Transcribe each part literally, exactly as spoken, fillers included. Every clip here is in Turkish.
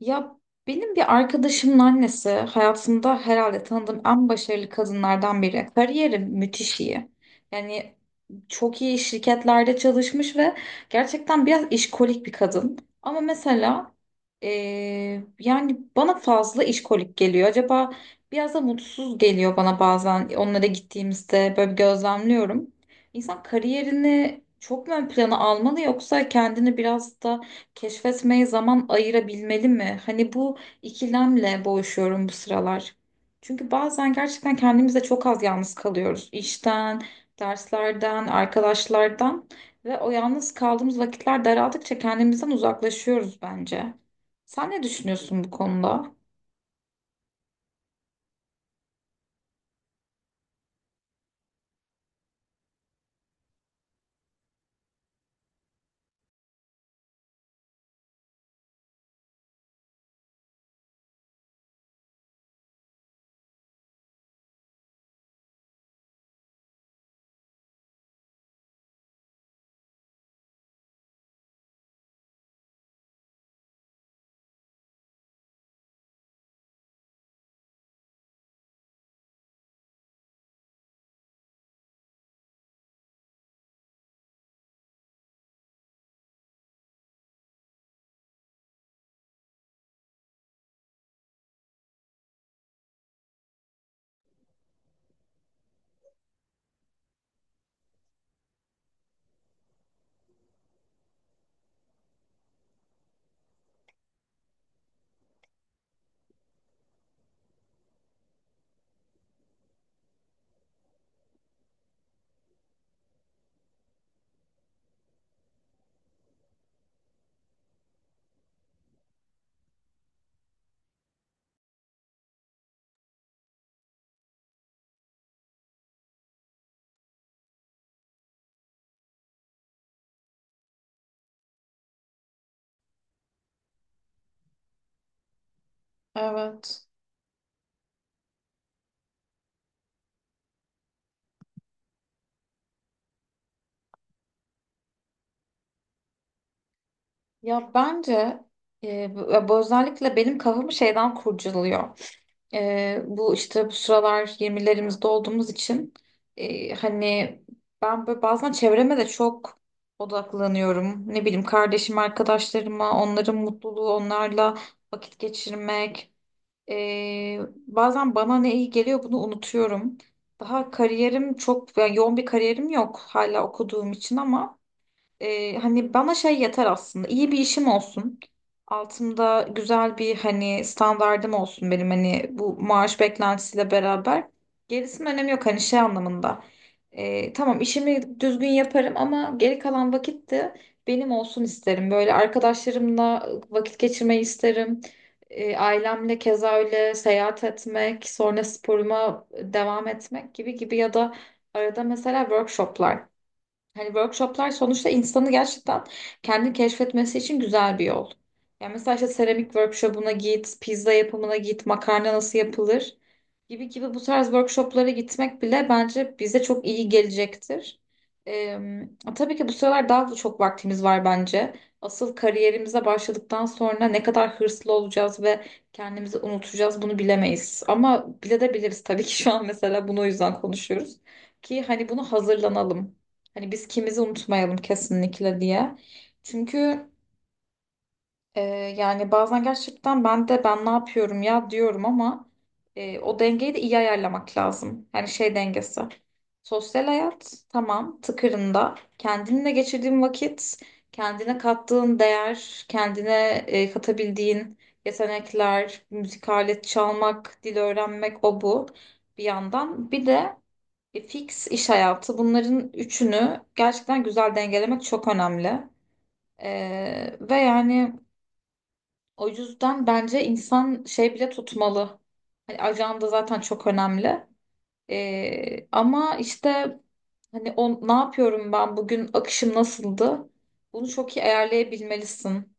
Ya benim bir arkadaşımın annesi hayatımda herhalde tanıdığım en başarılı kadınlardan biri. Kariyeri müthiş iyi. Yani çok iyi şirketlerde çalışmış ve gerçekten biraz işkolik bir kadın. Ama mesela eee, yani bana fazla işkolik geliyor. Acaba biraz da mutsuz geliyor bana bazen onlara gittiğimizde böyle bir gözlemliyorum. İnsan kariyerini çok mu ön plana almalı yoksa kendini biraz da keşfetmeye zaman ayırabilmeli mi? Hani bu ikilemle boğuşuyorum bu sıralar. Çünkü bazen gerçekten kendimize çok az yalnız kalıyoruz. İşten, derslerden, arkadaşlardan ve o yalnız kaldığımız vakitler daraldıkça kendimizden uzaklaşıyoruz bence. Sen ne düşünüyorsun bu konuda? Evet. Ya bence e, bu, bu özellikle benim kafamı şeyden kurcalıyor. Ee, bu işte bu sıralar yirmilerimizde olduğumuz için e, hani ben böyle bazen çevreme de çok odaklanıyorum. Ne bileyim kardeşim, arkadaşlarıma, onların mutluluğu, onlarla vakit geçirmek. Ee, bazen bana ne iyi geliyor bunu unutuyorum. Daha kariyerim çok yani yoğun bir kariyerim yok hala okuduğum için ama ee, hani bana şey yeter aslında. İyi bir işim olsun. Altımda güzel bir hani standardım olsun benim hani bu maaş beklentisiyle beraber. Gerisinin önemi yok hani şey anlamında. Ee, tamam işimi düzgün yaparım ama geri kalan vakit de benim olsun isterim. Böyle arkadaşlarımla vakit geçirmeyi isterim. Ee, ailemle keza öyle seyahat etmek, sonra sporuma devam etmek gibi gibi ya da arada mesela workshoplar. Hani workshoplar sonuçta insanı gerçekten kendi keşfetmesi için güzel bir yol. Yani mesela işte seramik workshopuna git, pizza yapımına git, makarna nasıl yapılır gibi gibi bu tarz workshoplara gitmek bile bence bize çok iyi gelecektir. Ee, tabii ki bu sıralar daha çok vaktimiz var bence. Asıl kariyerimize başladıktan sonra ne kadar hırslı olacağız ve kendimizi unutacağız bunu bilemeyiz. Ama bile de biliriz tabii ki şu an mesela bunu o yüzden konuşuyoruz. Ki hani bunu hazırlanalım. Hani biz kimizi unutmayalım kesinlikle diye. Çünkü e, yani bazen gerçekten ben de ben ne yapıyorum ya diyorum ama e, o dengeyi de iyi ayarlamak lazım. Yani şey dengesi. Sosyal hayat tamam tıkırında. Kendinle geçirdiğin vakit, kendine kattığın değer, kendine e, katabildiğin yetenekler, müzik alet çalmak, dil öğrenmek o bu bir yandan. Bir de e, fix iş hayatı bunların üçünü gerçekten güzel dengelemek çok önemli. E, ve yani o yüzden bence insan şey bile tutmalı. Hani ajanda zaten çok önemli. E, ama işte hani o ne yapıyorum ben bugün akışım nasıldı? Bunu çok iyi ayarlayabilmelisin.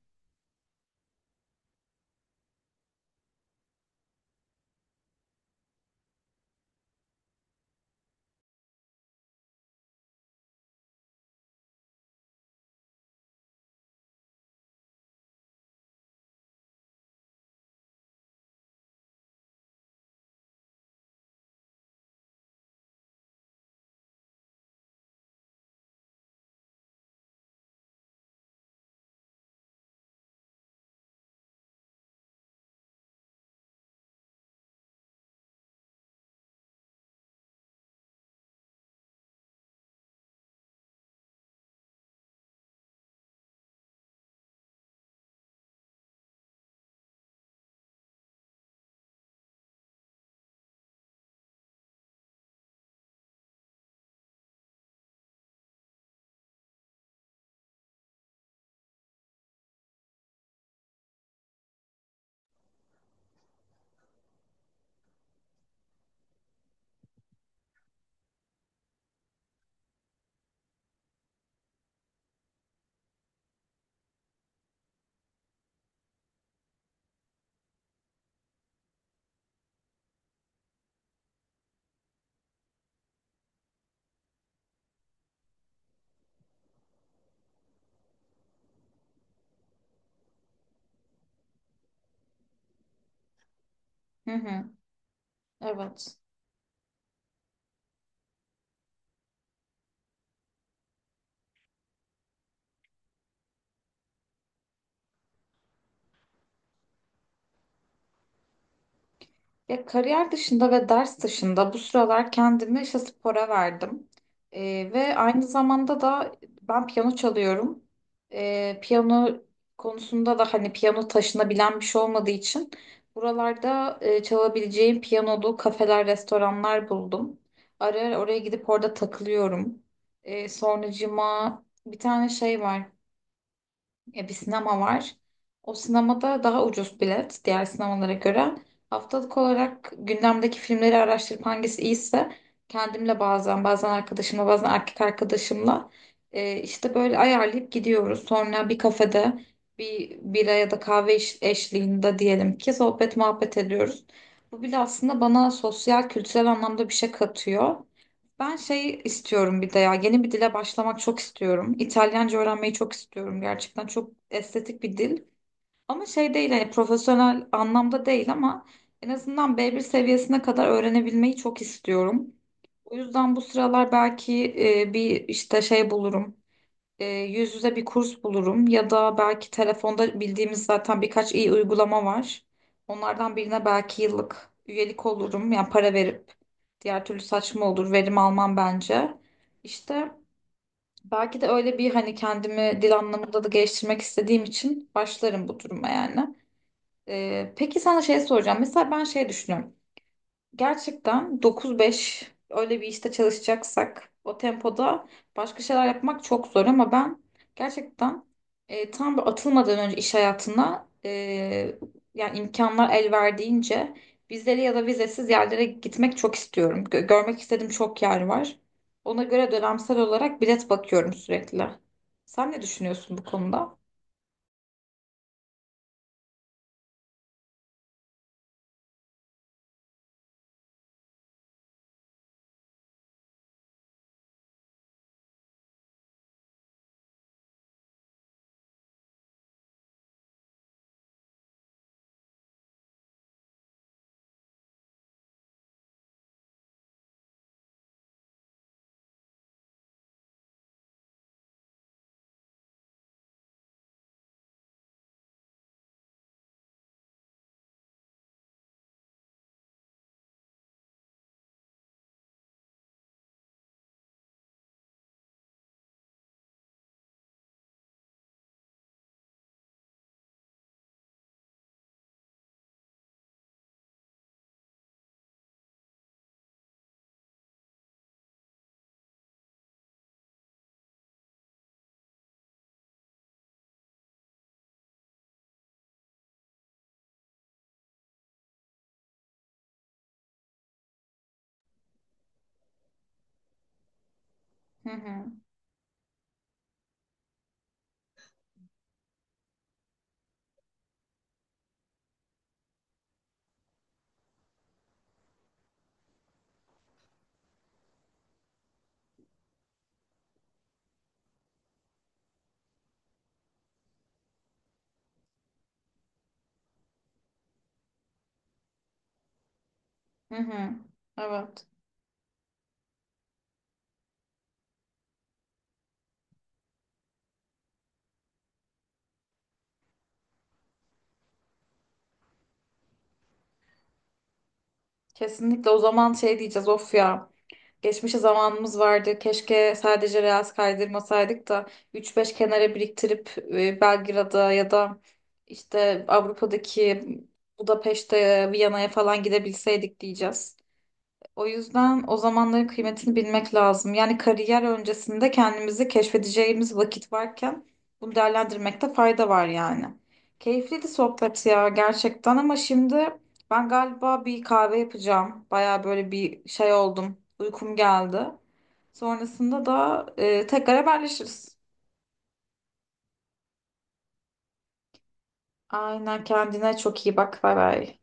Hı hı, evet. Ya kariyer dışında ve ders dışında bu sıralar kendimi işte spora verdim. Ee, ve aynı zamanda da ben piyano çalıyorum. Ee, piyano konusunda da hani piyano taşınabilen bir şey olmadığı için buralarda e, çalabileceğim piyanolu kafeler, restoranlar buldum. Ara ara oraya gidip orada takılıyorum. Ee, sonracığıma bir tane şey var. E, bir sinema var. O sinemada daha ucuz bilet diğer sinemalara göre. Haftalık olarak gündemdeki filmleri araştırıp hangisi iyiyse kendimle bazen bazen arkadaşımla bazen erkek arkadaşımla e, işte böyle ayarlayıp gidiyoruz. Sonra bir kafede bir bira ya da kahve eş- eşliğinde diyelim ki sohbet muhabbet ediyoruz. Bu bile aslında bana sosyal kültürel anlamda bir şey katıyor. Ben şey istiyorum bir de ya yeni bir dile başlamak çok istiyorum. İtalyanca öğrenmeyi çok istiyorum gerçekten. Çok estetik bir dil. Ama şey değil hani profesyonel anlamda değil ama en azından B bir seviyesine kadar öğrenebilmeyi çok istiyorum. O yüzden bu sıralar belki e, bir işte şey bulurum e, yüz yüze bir kurs bulurum ya da belki telefonda bildiğimiz zaten birkaç iyi uygulama var. Onlardan birine belki yıllık üyelik olurum. Yani para verip diğer türlü saçma olur. Verim almam bence. İşte belki de öyle bir hani kendimi dil anlamında da geliştirmek istediğim için başlarım bu duruma yani. E, peki sana şey soracağım. Mesela ben şey düşünüyorum. Gerçekten dokuz beş öyle bir işte çalışacaksak o tempoda başka şeyler yapmak çok zor ama ben gerçekten e, tam bir atılmadan önce iş hayatına e, yani imkanlar el verdiğince vizeli ya da vizesiz yerlere gitmek çok istiyorum. Gö- görmek istediğim çok yer var. Ona göre dönemsel olarak bilet bakıyorum sürekli. Sen ne düşünüyorsun bu konuda? Hı hı. Hı hı. Evet. Kesinlikle o zaman şey diyeceğiz of ya. Geçmişe zamanımız vardı. Keşke sadece reels kaydırmasaydık da üç beş kenara biriktirip e, Belgrad'a ya da işte Avrupa'daki Budapeşte, Viyana'ya falan gidebilseydik diyeceğiz. O yüzden o zamanların kıymetini bilmek lazım. Yani kariyer öncesinde kendimizi keşfedeceğimiz vakit varken bunu değerlendirmekte fayda var yani. Keyifliydi sohbet ya gerçekten ama şimdi ben galiba bir kahve yapacağım. Baya böyle bir şey oldum. Uykum geldi. Sonrasında da e, tekrar haberleşiriz. Aynen kendine çok iyi bak. Bay bay.